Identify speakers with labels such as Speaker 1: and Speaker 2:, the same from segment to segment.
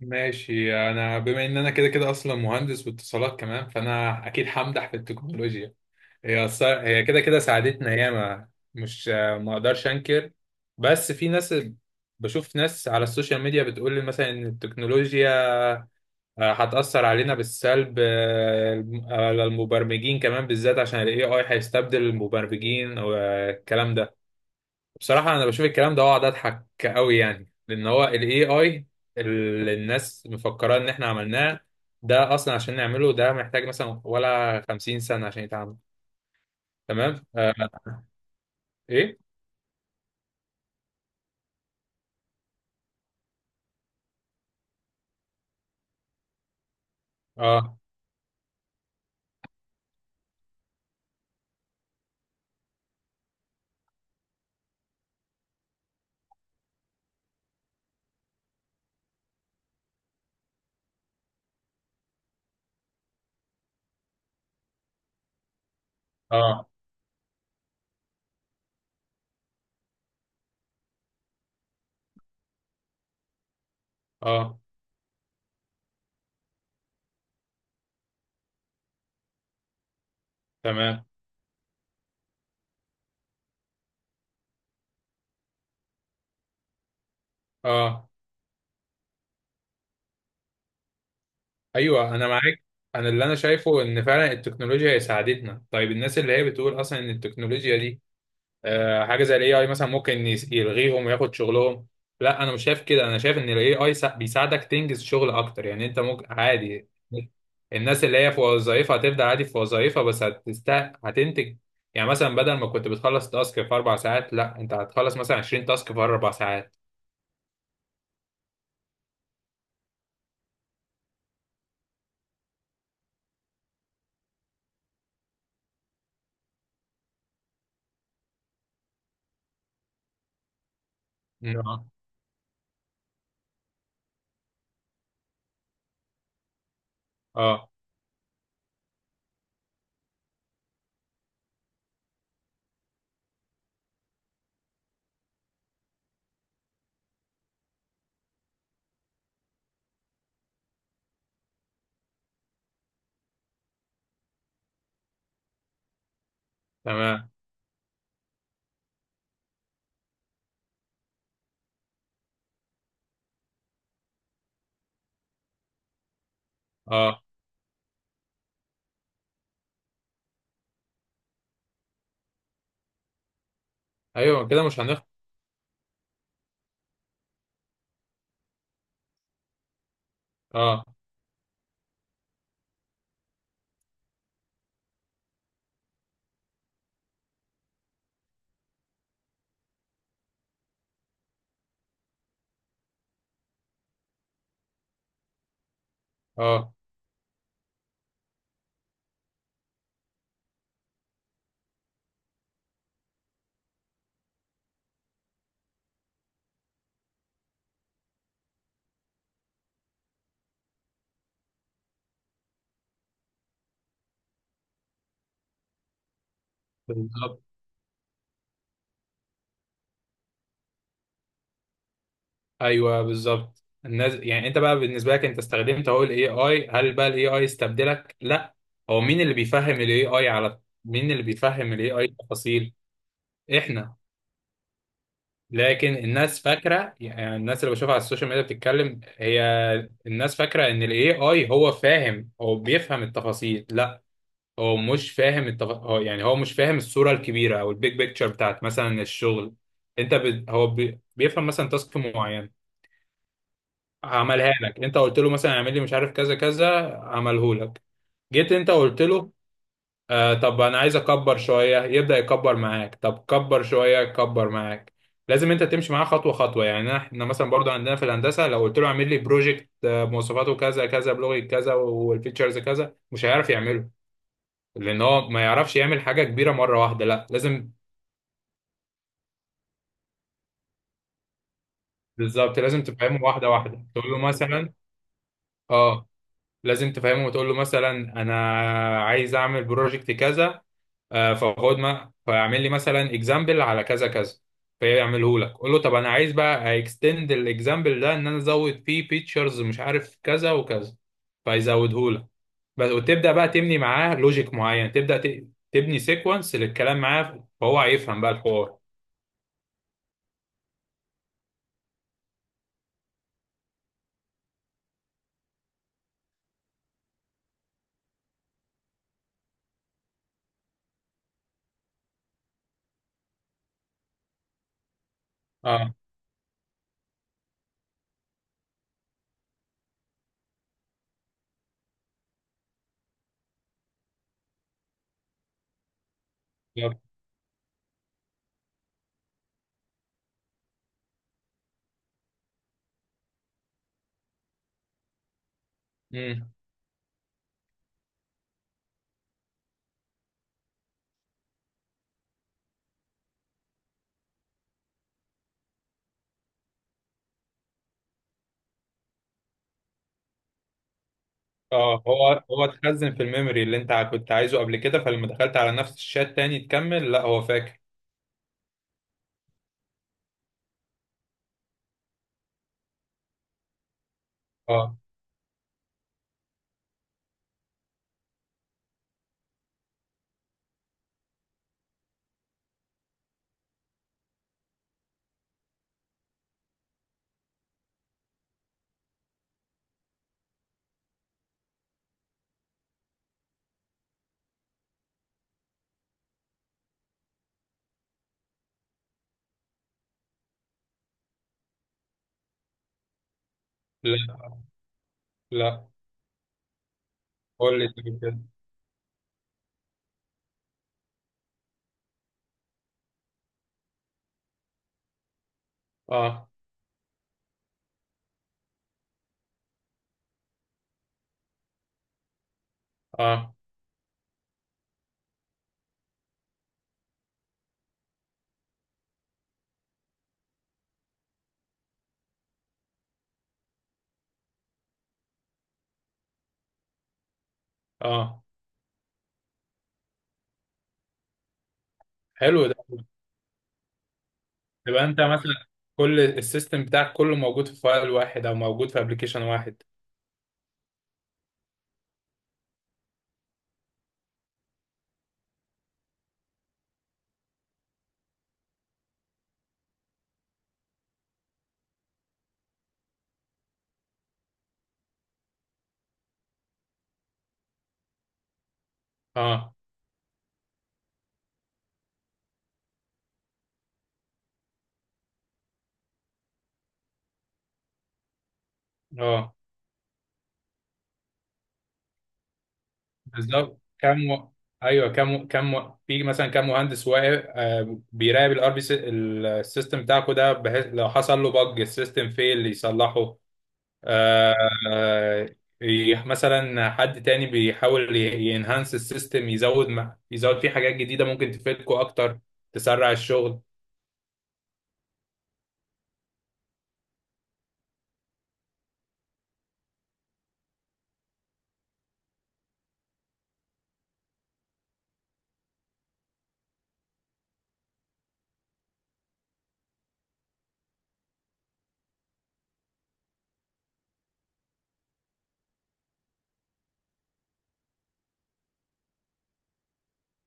Speaker 1: ماشي، انا بما ان انا كده كده اصلا مهندس واتصالات كمان، فانا اكيد همدح في التكنولوجيا. هي كده كده ساعدتنا ياما، مش؟ ما اقدرش انكر، بس في ناس. بشوف ناس على السوشيال ميديا بتقول لي مثلا ان التكنولوجيا هتأثر علينا بالسلب، على المبرمجين كمان، بالذات عشان ال AI هيستبدل المبرمجين والكلام ده. بصراحة أنا بشوف الكلام ده وأقعد أضحك أوي، يعني لأن هو ال AI اللي الناس مفكرة إن إحنا عملناه، ده أصلا عشان نعمله ده محتاج مثلا ولا 50 سنة عشان يتعمل. تمام. آه. إيه. آه. آه. آه. تمام. آه. أيوه أنا معاك. أنا اللي أنا شايفه إن فعلا التكنولوجيا هي ساعدتنا. طيب الناس اللي هي بتقول أصلا إن التكنولوجيا دي حاجه زي الاي اي مثلا ممكن يلغيهم وياخد شغلهم. لا انا مش شايف كده، انا شايف ان الاي اي بيساعدك تنجز شغل اكتر. يعني انت ممكن عادي الناس اللي هي في وظائفها هتبدا عادي في وظائفها، بس هتنتج. يعني مثلا بدل ما كنت بتخلص تاسك في 4 ساعات، لا انت هتخلص مثلا 20 تاسك في 4 ساعات. اه. اه. تمام. اه. ايوه كده مش هنخ. اه. اه. بالظبط. ايوه بالظبط. الناس، يعني انت بقى بالنسبه لك انت استخدمت اهو الاي اي. هل بقى الاي اي استبدلك؟ لا. هو مين اللي بيفهم الاي اي على، مين اللي بيفهم الاي اي التفاصيل؟ احنا. لكن الناس فاكره، يعني الناس اللي بشوفها على السوشيال ميديا بتتكلم هي. الناس فاكره ان الاي اي هو فاهم، هو بيفهم التفاصيل. لا هو مش فاهم التف... هو يعني هو مش فاهم الصوره الكبيره او البيج بيكتشر بتاعت مثلا الشغل. انت ب... هو بي... بيفهم مثلا تاسك معين عملها لك. انت قلت له مثلا اعمل لي مش عارف كذا كذا، عمله لك. جيت انت قلت له آه طب انا عايز اكبر شويه، يبدا يكبر معاك. طب كبر شويه، يكبر معاك. لازم انت تمشي معاه خطوه خطوه. يعني احنا مثلا برضو عندنا في الهندسه، لو قلت له اعمل لي بروجكت مواصفاته كذا كذا بلغه كذا والفيتشرز كذا، مش هيعرف يعمله. لان هو ما يعرفش يعمل حاجه كبيره مره واحده، لا لازم. بالظبط لازم تفهمه واحده واحده، تقول له مثلا. اه. لازم تفهمه وتقول له مثلا انا عايز اعمل بروجكت كذا، فخد ما فيعمل لي مثلا اكزامبل على كذا كذا، فيعمله لك. قول له طب انا عايز بقى اكستند الاكزامبل ده، ان انا ازود فيه فيتشرز مش عارف كذا وكذا، فيزوده لك. بس وتبدا بقى تبني معاه لوجيك معين، تبدا تبني سيكونس للكلام معاه فهو هيفهم بقى الحوار. اه. يب. مم. اه هو اتخزن في الميموري اللي انت كنت عايزه قبل كده، فلما دخلت على نفس الشات تاني تكمل لا هو فاكر. اه. لا. لا. قول لي طيب كده. اه. اه. اه. حلو ده. تبقى انت مثلا كل السيستم بتاعك كله موجود في فايل واحد او موجود في ابلكيشن واحد. اه. اه بالظبط كم و... ايوه كم كم و... في مثلا كم مهندس واقف بيراقب الار بي السيستم بتاعكو ده، بحيث لو حصل له بج السيستم فيل يصلحه. آه. آه، مثلا حد تاني بيحاول ينهانس السيستم، يزود يزود فيه حاجات جديدة ممكن تفيدكو اكتر، تسرع الشغل.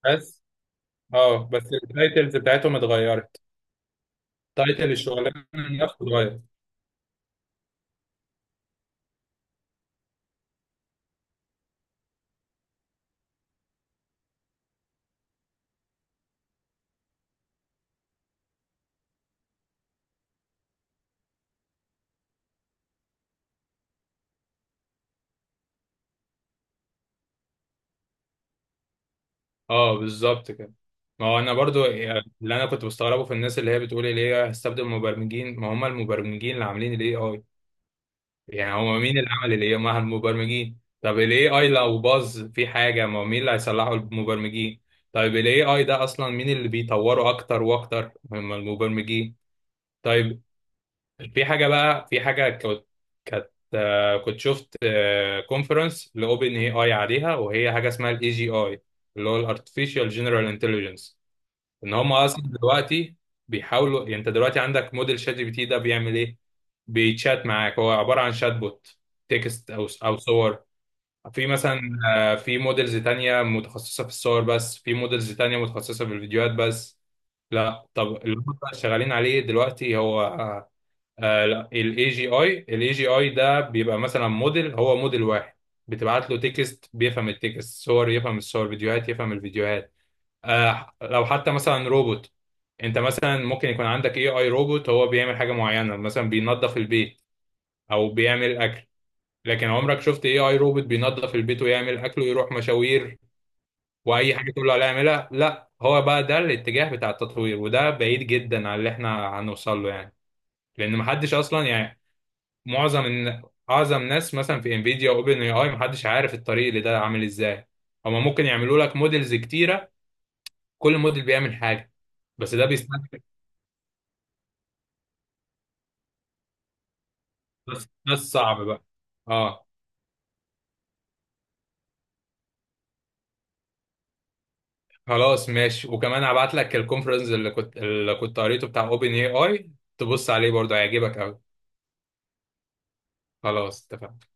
Speaker 1: بس. اه بس التايتلز بتاعتهم اتغيرت. تايتل الشغلانه نفسه اتغير. اه بالظبط كده. ما هو انا برضو، يعني اللي انا كنت بستغربه في الناس اللي هي بتقول اللي هي هستبدل المبرمجين، ما هم المبرمجين اللي عاملين الاي اي. يعني هم مين اللي عمل الاي اي؟ ما هم المبرمجين. طب الاي اي لو باظ في حاجه، ما هو مين اللي هيصلحه؟ المبرمجين. طيب الاي اي ده اصلا مين اللي بيطوره اكتر واكتر؟ هم المبرمجين. طيب في حاجه بقى، في حاجه كنت كانت كنت شفت كونفرنس لاوبن اي اي عليها، وهي حاجه اسمها الاي جي اي، اللي هو الارتفيشال جنرال انتليجنس. ان هم اصلا دلوقتي بيحاولوا، يعني انت دلوقتي عندك موديل شات جي بي تي ده بيعمل ايه؟ بيتشات معاك، هو عباره عن شات بوت، تكست او او صور. في مثلا في موديلز تانية متخصصة في الصور بس، في موديلز تانية متخصصة في الفيديوهات بس. لا طب اللي هم بقى شغالين عليه دلوقتي هو آه لا الاي جي اي. الاي جي اي ده بيبقى مثلا موديل، هو موديل واحد بتبعت له تكست بيفهم التكست، صور يفهم الصور، فيديوهات يفهم الفيديوهات. آه لو حتى مثلا روبوت، انت مثلا ممكن يكون عندك اي اي روبوت هو بيعمل حاجه معينه، مثلا بينظف البيت او بيعمل اكل. لكن عمرك شفت اي اي روبوت بينظف البيت ويعمل اكل ويروح مشاوير واي حاجه تقول له عليها يعملها؟ لا. هو بقى ده الاتجاه بتاع التطوير، وده بعيد جدا عن اللي احنا هنوصل له. يعني لان محدش اصلا، يعني معظم اعظم ناس مثلا في انفيديا واوبن اي اي، محدش عارف الطريق اللي ده عامل ازاي. هما ممكن يعملوا لك موديلز كتيره، كل موديل بيعمل حاجه. بس ده بيستهلك. بس ده الصعب بقى. اه. خلاص ماشي، وكمان هبعت لك الكونفرنس اللي كنت قريته بتاع اوبن اي اي، تبص عليه برضه هيعجبك قوي. خلاص اتفقنا.